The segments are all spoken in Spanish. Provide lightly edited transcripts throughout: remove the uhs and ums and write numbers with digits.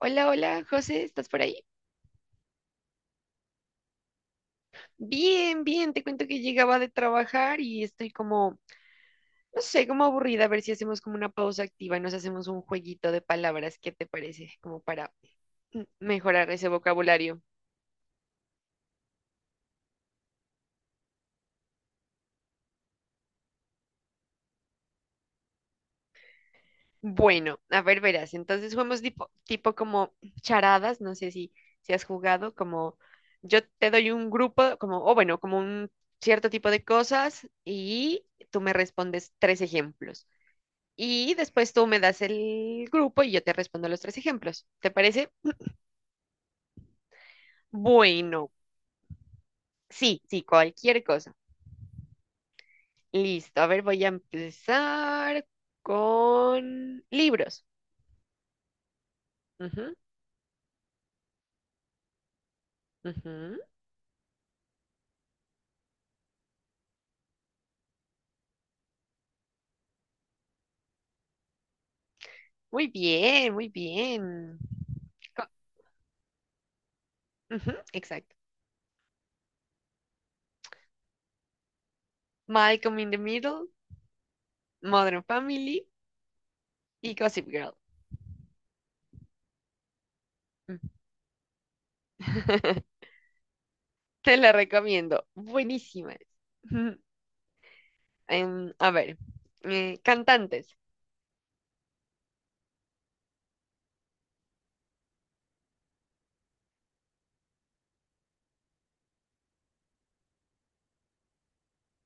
Hola, hola, José, ¿estás por ahí? Bien, bien, te cuento que llegaba de trabajar y estoy como, no sé, como aburrida, a ver si hacemos como una pausa activa y nos hacemos un jueguito de palabras, ¿qué te parece? Como para mejorar ese vocabulario. Bueno, a ver, verás, entonces jugamos tipo como charadas, no sé si has jugado, como yo te doy un grupo, como, o bueno, como un cierto tipo de cosas y tú me respondes tres ejemplos. Y después tú me das el grupo y yo te respondo los tres ejemplos. ¿Te parece? Bueno, sí, sí, cualquier cosa. Listo, a ver, voy a empezar con libros. Ujú, ujú. Muy bien, muy bien. Co- ujú, exacto. Malcolm in the Middle, Modern Family y Gossip Girl. Mm. Te la recomiendo. Buenísima. Es. A ver, cantantes.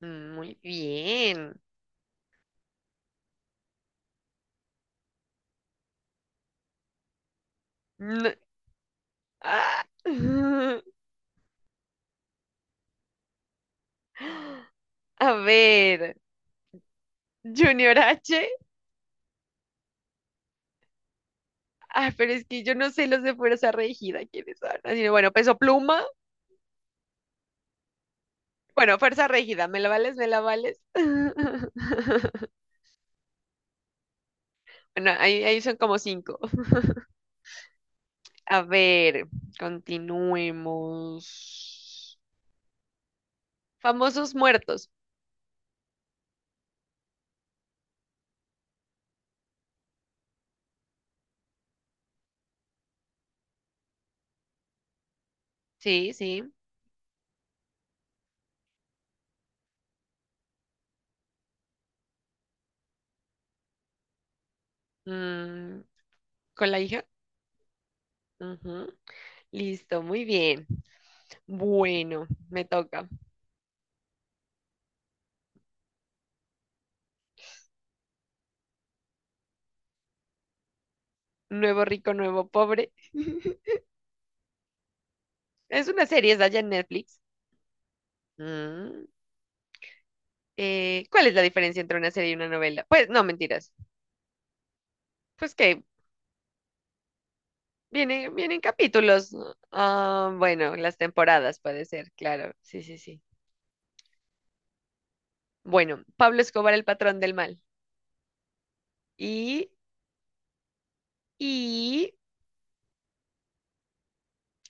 Muy bien. No- ah. A ver, Junior H. Ah, pero es que yo no sé los de Fuerza Regida, ¿quiénes son? Así, que bueno, Peso Pluma. Bueno, Fuerza Regida, ¿me la vales? ¿Me la vales? Bueno, ahí son como cinco. A ver, continuemos. Famosos muertos. Sí, sí. Mm, ¿con la hija? Listo, muy bien. Bueno, me toca. Nuevo rico, nuevo pobre. Es una serie, es allá en Netflix. Mm, ¿cuál es la diferencia entre una serie y una novela? Pues no, mentiras. Pues que vienen capítulos. ¿No? Ah, bueno, las temporadas puede ser, claro. Sí, sí, sí. Bueno, Pablo Escobar, el patrón del mal. Y, y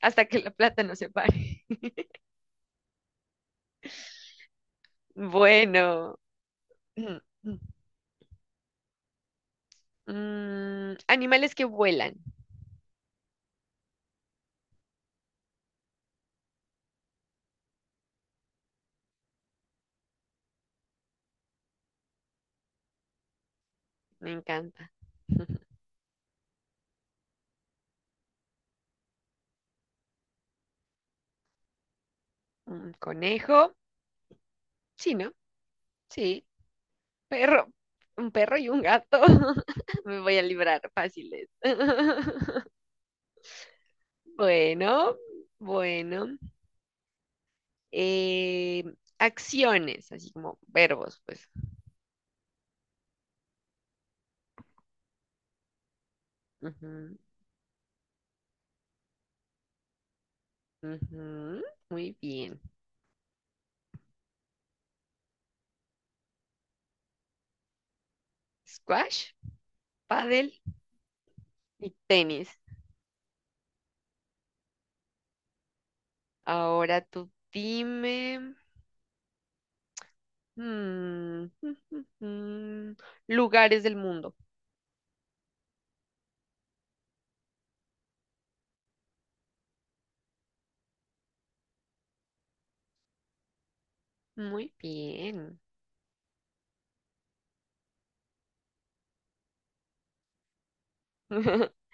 hasta que la plata no se pare. Bueno. Mm, animales que vuelan. Me encanta. Un conejo. Sí, ¿no? Sí. Perro. Un perro y un gato. Me voy a librar fáciles. Bueno, bueno. Eh, acciones, así como verbos, pues. Ujú, ujú. Muy bien. Squash, paddle y tenis. Ahora tú dime. Mm, lugares del mundo. Muy bien.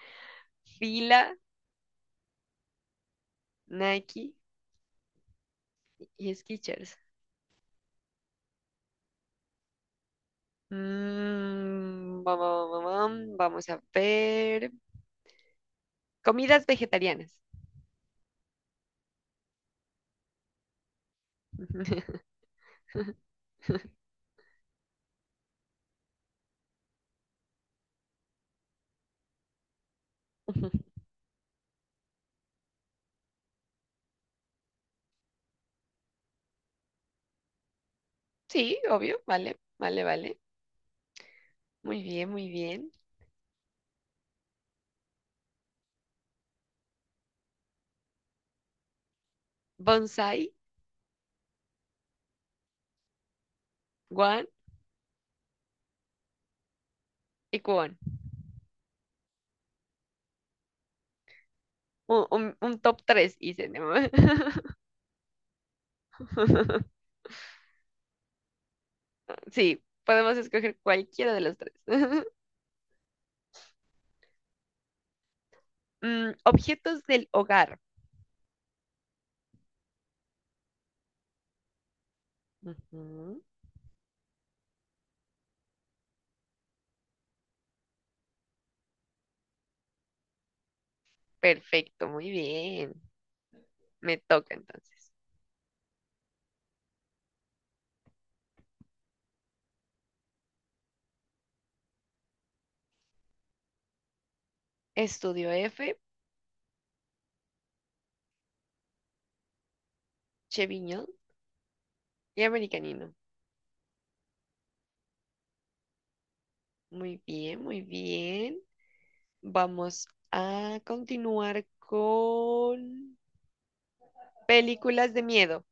Fila, Nike y Skechers. Mm, bam, bam, bam, bam, vamos a ver. Comidas vegetarianas. Sí, obvio, vale, vale, vale. Muy bien, muy bien. Bonsai, guan y cubón. Un, un top 3 hice, ¿no? Sí, podemos escoger cualquiera de los tres. Mm, objetos del hogar. Ujú, perfecto, muy bien. Me toca entonces. Estudio F, Cheviño y Americanino. Muy bien, muy bien. Vamos a continuar con películas de miedo.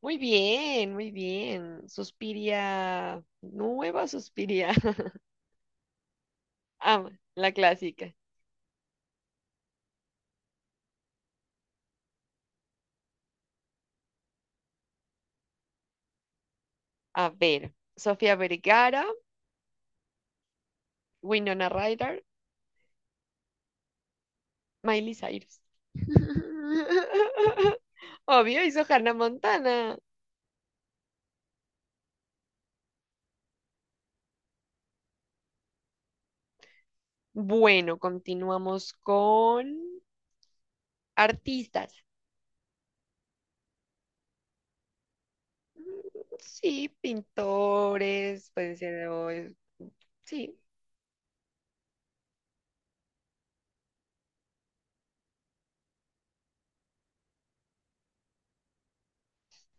Muy bien, muy bien. Suspiria, nueva Suspiria. Ah, la clásica. A ver, Sofía Vergara, Winona Ryder, Miley Cyrus. Obvio, hizo Hannah Montana. Bueno, continuamos con artistas. Sí, pintores, pueden ser, sí,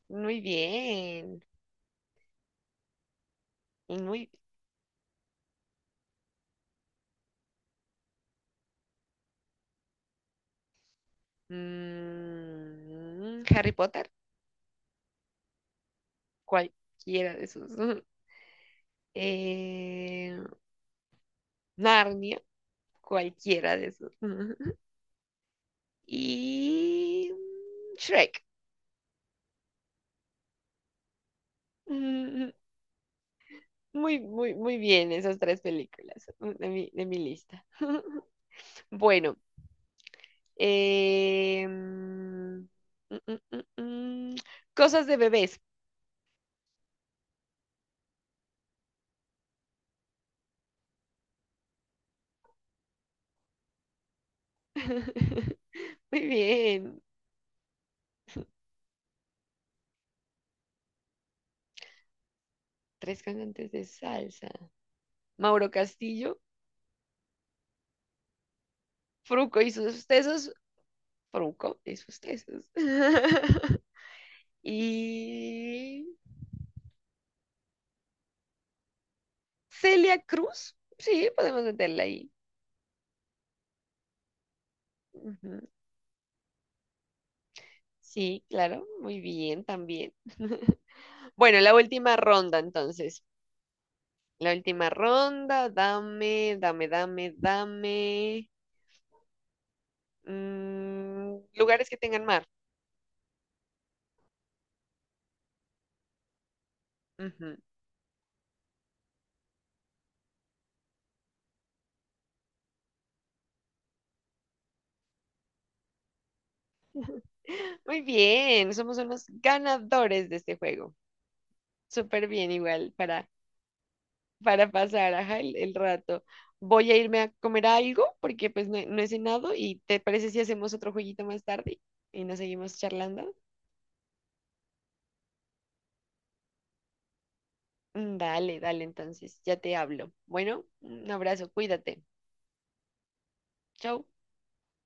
muy bien, y muy, mm, Harry Potter, cualquiera de esos, eh, Narnia, cualquiera de esos, y mm, Shrek, Mm, muy, muy, muy bien esas tres películas mm, de mi lista. Bueno. Eh, mm, mm, mm, mm, mm, cosas de bebés. Muy bien. Tres cantantes de salsa. Mauro Castillo, Fruco y sus tesos. Fruco y sus tesos. Y Celia Cruz. Sí, podemos meterla ahí. Ujú. Sí, claro. Muy bien, también. Bueno, la última ronda entonces. La última ronda, dame, dame, dame, dame. Mm, lugares que tengan mar. Ujú. Muy bien, somos unos ganadores de este juego. Súper bien, igual, para pasar ajá, el rato. Voy a irme a comer algo porque pues no, he no he cenado y ¿te parece si hacemos otro jueguito más tarde y nos seguimos charlando? Mm, dale, dale, entonces, ya te hablo. Bueno, un abrazo, cuídate. Chau.